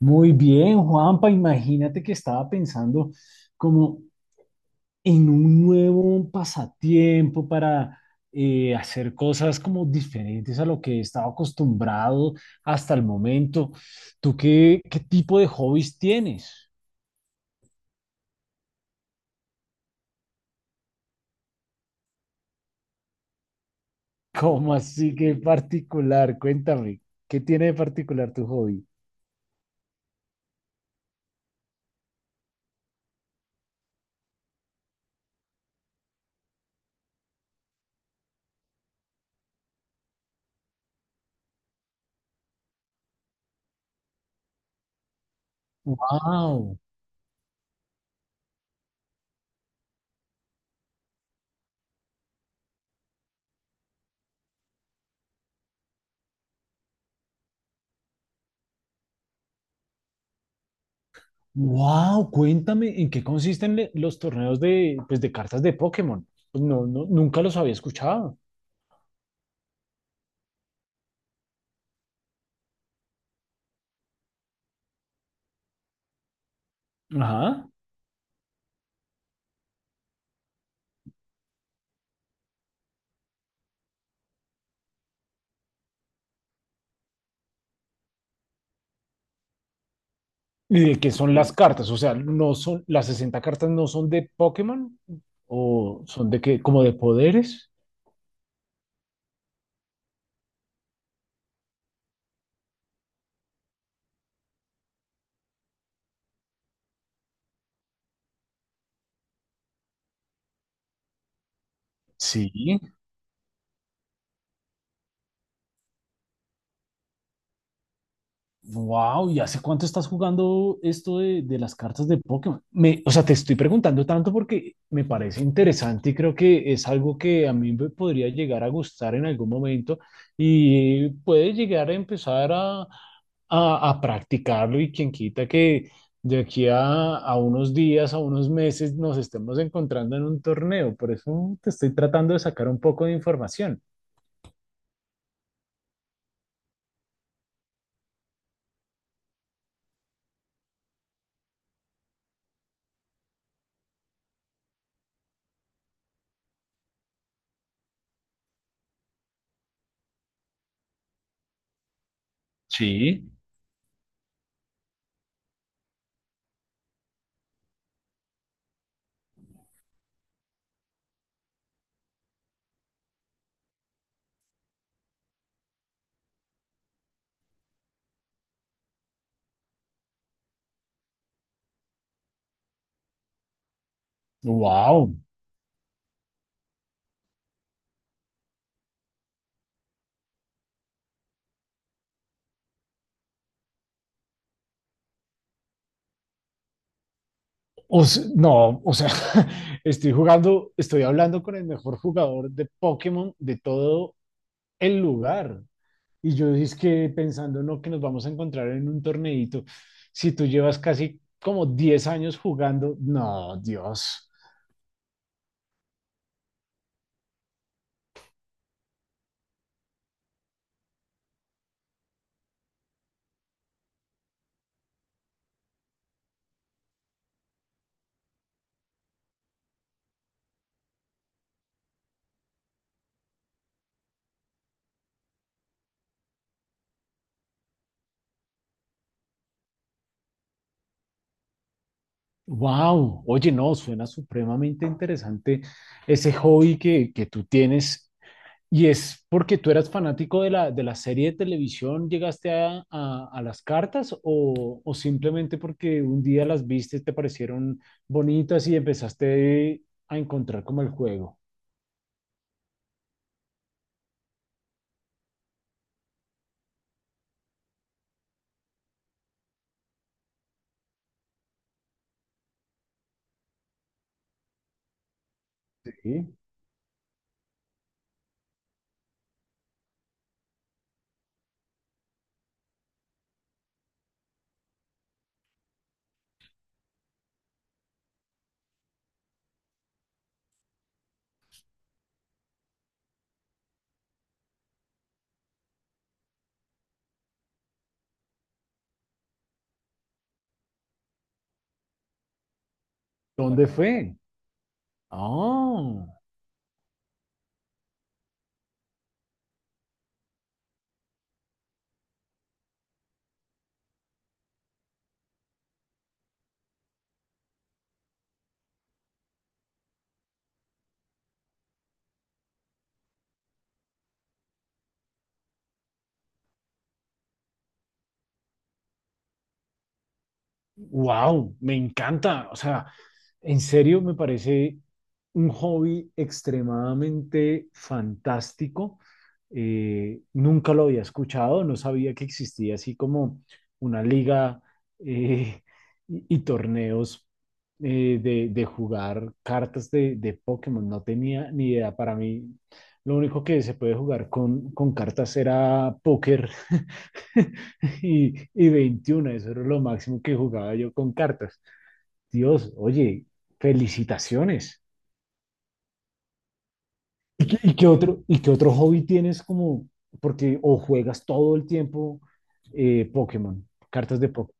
Muy bien, Juanpa, imagínate que estaba pensando como en un nuevo pasatiempo para hacer cosas como diferentes a lo que he estado acostumbrado hasta el momento. ¿Tú qué tipo de hobbies tienes? ¿Cómo así que particular? Cuéntame, ¿qué tiene de particular tu hobby? Wow, wow, cuéntame en qué consisten los torneos de, pues, de cartas de Pokémon. Pues no, nunca los había escuchado. Ajá. ¿Y de qué son las cartas? O sea, no son, las 60 cartas no son de Pokémon o son de qué, como de poderes. Sí. Wow, ¿y hace cuánto estás jugando esto de las cartas de Pokémon? Me, o sea, te estoy preguntando tanto porque me parece interesante y creo que es algo que a mí me podría llegar a gustar en algún momento y puede llegar a empezar a practicarlo y quien quita que de aquí a unos días, a unos meses nos estemos encontrando en un torneo. Por eso te estoy tratando de sacar un poco de información. Sí. Wow. No, o sea, estoy jugando, estoy hablando con el mejor jugador de Pokémon de todo el lugar. Y yo es que pensando, no, que nos vamos a encontrar en un torneito. Si tú llevas casi como 10 años jugando, no, Dios. Wow, oye, no, suena supremamente interesante ese hobby que tú tienes. Y es porque tú eras fanático de de la serie de televisión, llegaste a las cartas o simplemente porque un día las viste, te parecieron bonitas y empezaste a encontrar como el juego. ¿Sí? ¿Dónde fue? Ah. Wow, me encanta. O sea, en serio me parece un hobby extremadamente fantástico. Nunca lo había escuchado, no sabía que existía así como una liga eh, y torneos de jugar cartas de Pokémon. No tenía ni idea. Para mí, lo único que se puede jugar con cartas era póker. Y, y 21, eso era lo máximo que jugaba yo con cartas. Dios, oye, felicitaciones. ¿Y y qué y qué otro hobby tienes como, porque o juegas todo el tiempo Pokémon, cartas de Pokémon?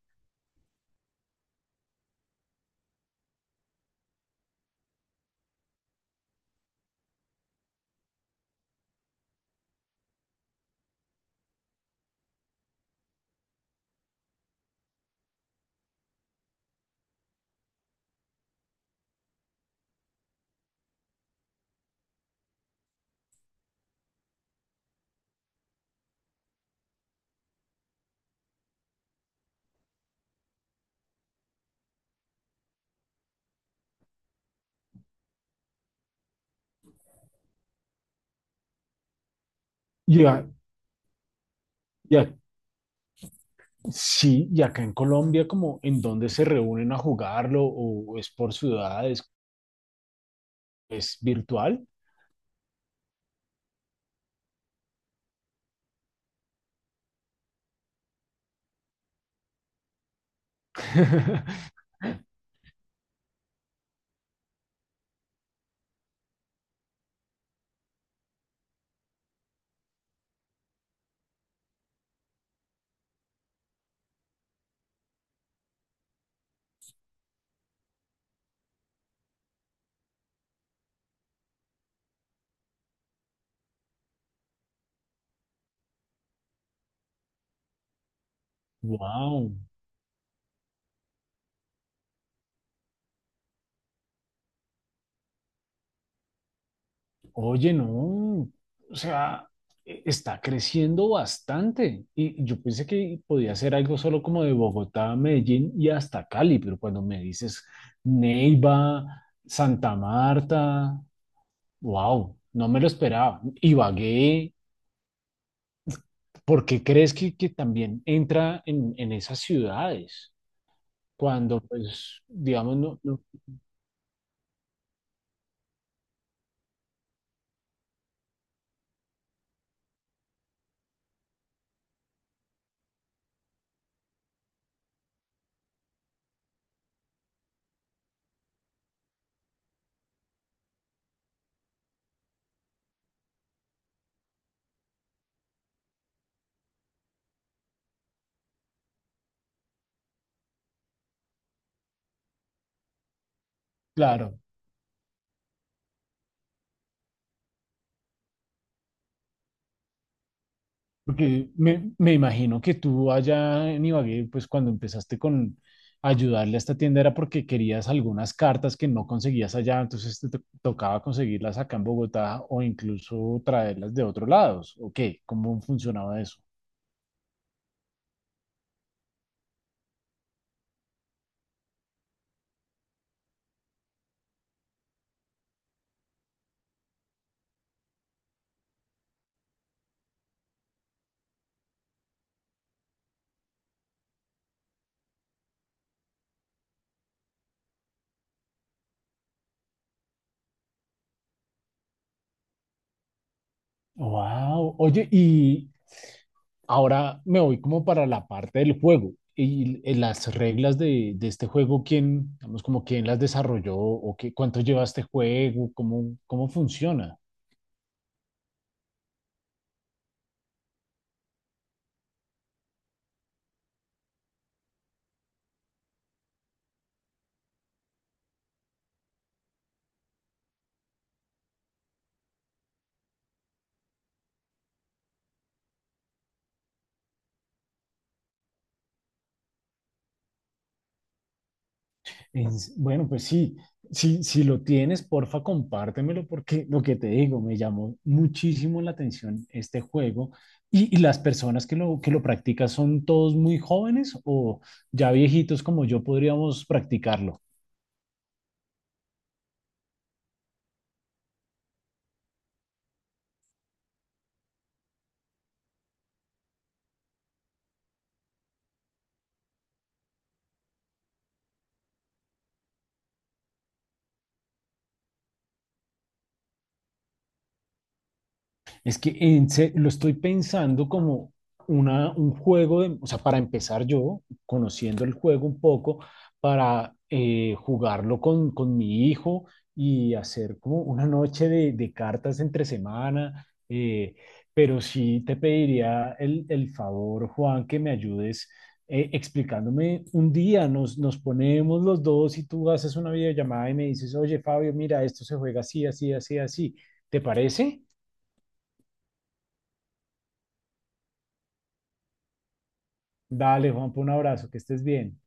Ya, ya, sí, y acá en Colombia, como en dónde se reúnen a jugarlo o es por ciudades, es virtual. Wow. Oye, no, o sea, está creciendo bastante. Y yo pensé que podía ser algo solo como de Bogotá, Medellín y hasta Cali, pero cuando me dices Neiva, Santa Marta, wow, no me lo esperaba. Ibagué, ¿por qué crees que también entra en esas ciudades? Cuando, pues, digamos, no, no, claro. Porque me imagino que tú allá en Ibagué, pues cuando empezaste con ayudarle a esta tienda era porque querías algunas cartas que no conseguías allá, entonces te tocaba conseguirlas acá en Bogotá o incluso traerlas de otros lados. ¿O qué? ¿Cómo funcionaba eso? Wow. Oye, y ahora me voy como para la parte del juego. Y las reglas de este juego, ¿quién, digamos, como quién las desarrolló o qué, cuánto lleva este juego? ¿Cómo, cómo funciona? Bueno, pues sí, si lo tienes, porfa, compártemelo porque lo que te digo, me llamó muchísimo la atención este juego. Y las personas que que lo practican son todos muy jóvenes o ya viejitos como yo podríamos practicarlo? Es que en lo estoy pensando como una, un juego de, o sea, para empezar yo, conociendo el juego un poco, para jugarlo con mi hijo y hacer como una noche de cartas entre semana. Pero sí te pediría el favor, Juan, que me ayudes explicándome un día. Nos, nos ponemos los dos y tú haces una videollamada y me dices, oye, Fabio, mira, esto se juega así, así, así, así. ¿Te parece? Dale, Juanpa, un abrazo, que estés bien.